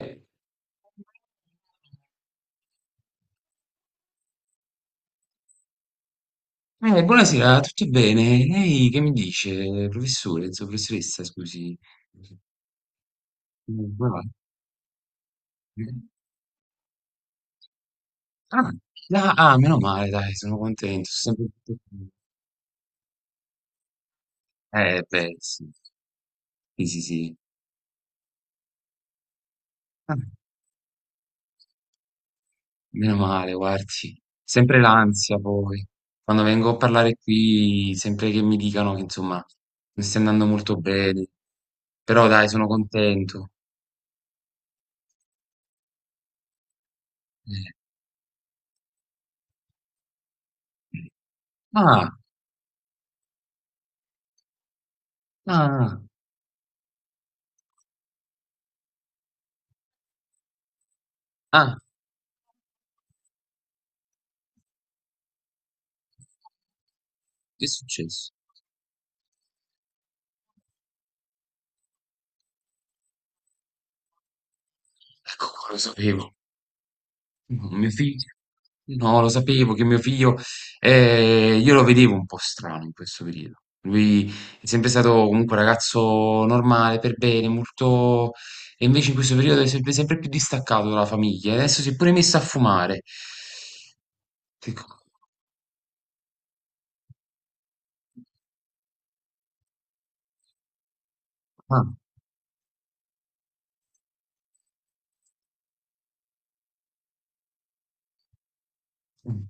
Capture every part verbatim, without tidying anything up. Eh, Buonasera, tutto bene? Ehi, che mi dice, professore, insomma, professoressa, scusi. Mm, come va? Ah, ah, ah, meno male, dai, sono contento. Sono sempre- tutto- Eh, beh, Sì, sì, sì. sì. Ah, meno male, guardi. Sempre l'ansia poi. Quando vengo a parlare qui, sempre che mi dicano che, insomma, non stia andando molto bene. Però dai, sono contento. Eh. Ah, ah, ah, ah, che è successo? Ecco qua, lo sapevo. No, mio figlio, no, lo sapevo che mio figlio, eh, io lo vedevo un po' strano in questo periodo. Lui è sempre stato comunque un ragazzo normale, per bene, molto... E invece in questo periodo è sempre, sempre più distaccato dalla famiglia. Adesso si è pure messo a fumare. Che co- Ah. Mm.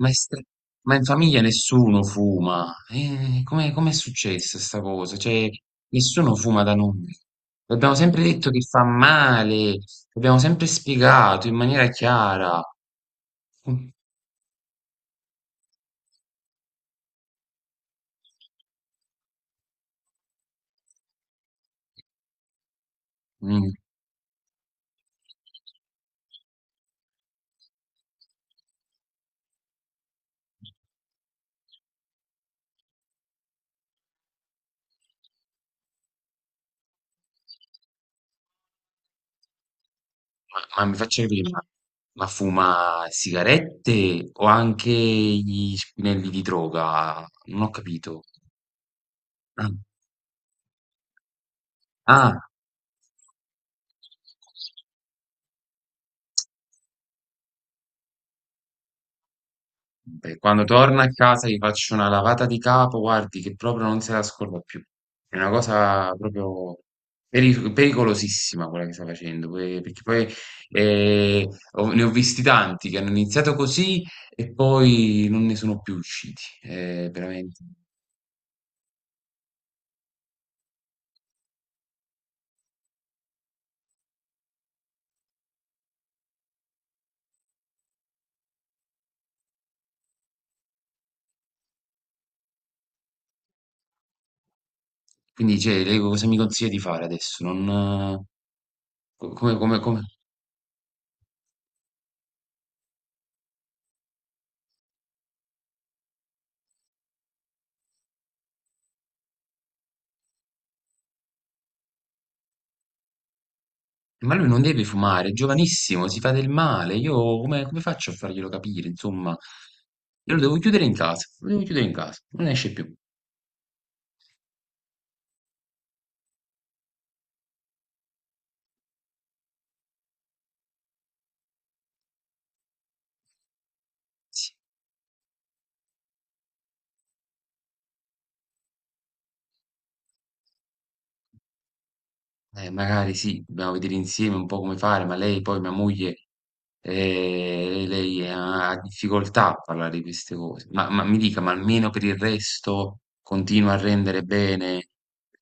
Ma è stra- ma in famiglia nessuno fuma. Eh, come Com'è successa sta cosa? Cioè, nessuno fuma da noi. Abbiamo sempre detto che fa male, abbiamo sempre spiegato in maniera chiara. Mm, mm, ma, ma mi faccia capire, ma, ma fuma sigarette o anche gli spinelli di droga? Non ho capito. Ah, ah, beh, quando torna a casa gli faccio una lavata di capo, guardi che proprio non se la scorda più. È una cosa proprio peri- pericolosissima quella che sta facendo, que- perché poi eh, ho- ne ho visti tanti che hanno iniziato così e poi non ne sono più usciti, eh, veramente. Quindi, cioè, lei cosa mi consiglia di fare adesso? Non, eh, co- Come, come, come? Ma lui non deve fumare, è giovanissimo, si fa del male. Io come, come faccio a farglielo capire? Insomma, io lo devo chiudere in casa, lo devo chiudere in casa, non esce più. Eh, magari sì, dobbiamo vedere insieme un po' come fare, ma lei poi, mia moglie, eh, lei ha difficoltà a parlare di queste cose. Ma, ma mi dica, ma almeno per il resto continua a rendere bene?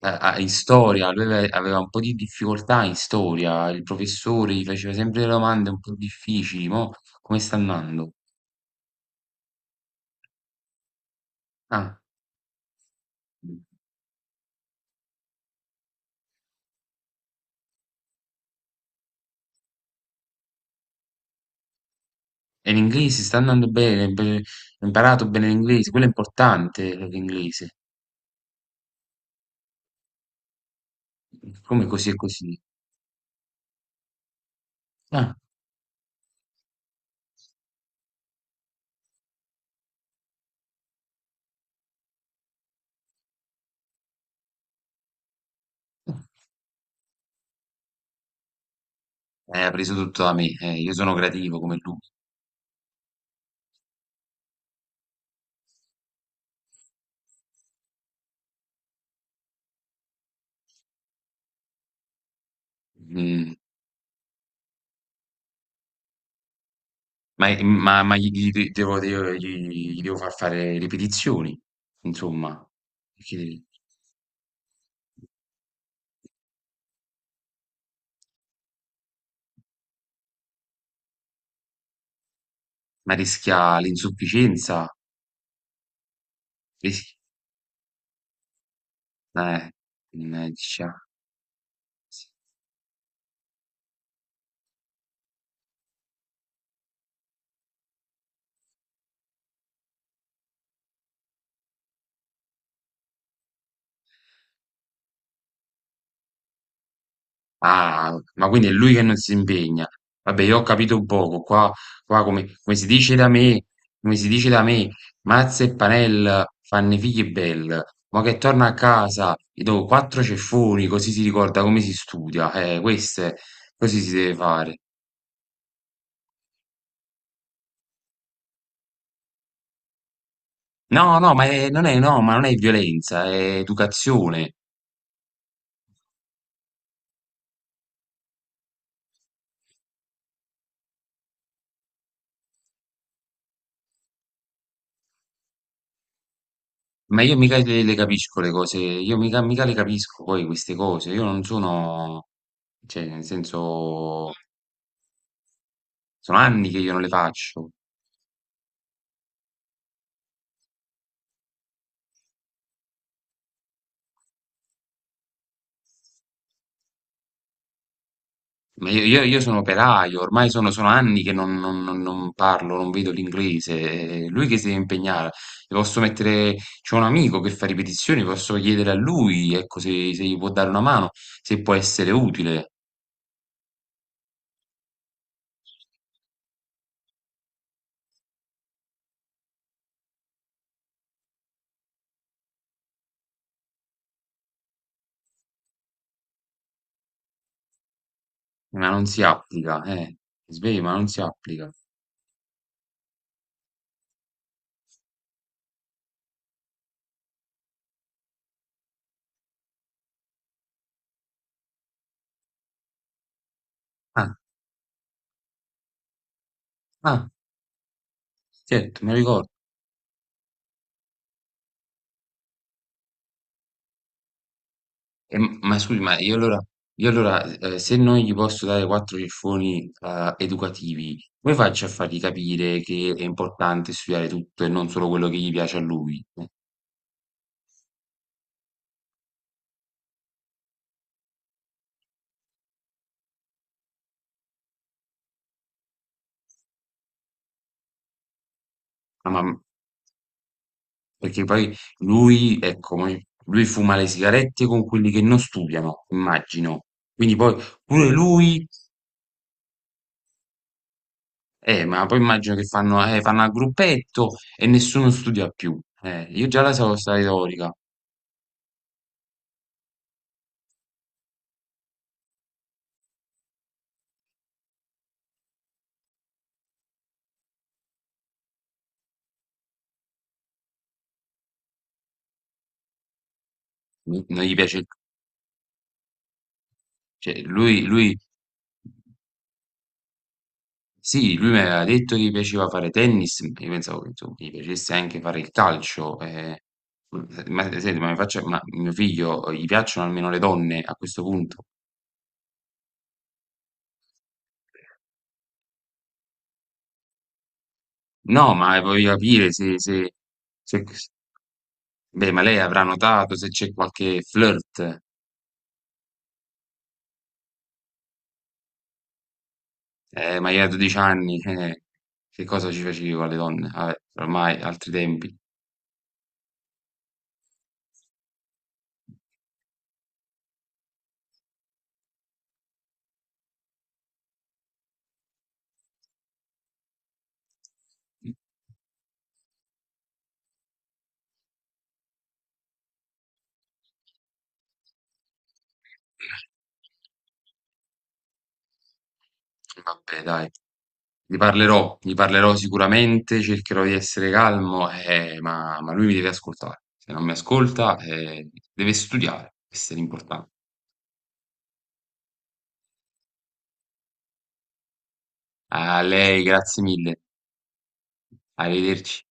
A- a- in storia, lui ave- aveva un po' di difficoltà in storia, il professore gli faceva sempre delle domande un po' difficili, mo come sta andando? Ah, e l'inglese sta andando bene, be- ha imparato bene l'inglese, quello è importante l'inglese, come così e così. Ah. Eh, ha preso tutto da me, eh, io sono creativo come lui. Mm, ma ma- ma gli, gli devo, devo- gli- gli devo far fare ripetizioni, insomma, perché- ma rischia l'insufficienza, rischia, eh, mannaggia. Ah, ma quindi è lui che non si impegna. Vabbè, io ho capito poco. Qua, qua come, come si dice da me, come si dice da me, Mazza e Panel fanno i figli belle. Ma che torna a casa, gli do quattro ceffoni, così si ricorda come si studia. Eh, queste, così si deve fare. No, no, ma è- non è, no, ma non è violenza, è educazione. Ma io mica le, le capisco le cose, io mica, mica le capisco poi queste cose. Io non sono, cioè, nel senso. Sono anni che io non le faccio. Ma io, io- io sono operaio, ormai sono, sono anni che non, non- non- non parlo, non vedo l'inglese. È lui che si deve impegnare. Le posso mettere, c'è un amico che fa ripetizioni, posso chiedere a lui, ecco, se, se gli può dare una mano, se può essere utile. Ma non si applica, eh. Svegli, ma non si applica. Ah, ah, certo, mi ricordo. Eh, m- ma scusi, ma io allora, io allora eh, se non gli posso dare quattro ciffoni eh, educativi, come faccio a fargli capire che è importante studiare tutto e non solo quello che gli piace a lui? Eh, no, ma- Perché poi lui, ecco, come- lui fuma le sigarette con quelli che non studiano, immagino. Quindi poi pure lui, eh, ma poi immagino che fanno, eh, fanno a gruppetto e nessuno studia più. Eh, io già la so, sta retorica, non non gli piace, cioè lui, lui. Sì, lui mi aveva detto che gli piaceva fare tennis, io pensavo che insomma, gli piacesse anche fare il calcio. Eh. Ma eh, senti, ma, mi faccia- Ma mio figlio eh, gli piacciono almeno le donne a questo punto? No, ma voglio capire se, se- se- Beh, ma lei avrà notato se c'è qualche flirt, eh, ma io a dodici anni, eh, che cosa ci facevo alle donne? Vabbè, ormai altri tempi. Vabbè, dai, gli parlerò, gli parlerò sicuramente, cercherò di essere calmo, eh, ma, ma lui mi deve ascoltare. Se non mi ascolta, eh, deve studiare, questo è l'importante. A lei, grazie mille, arrivederci.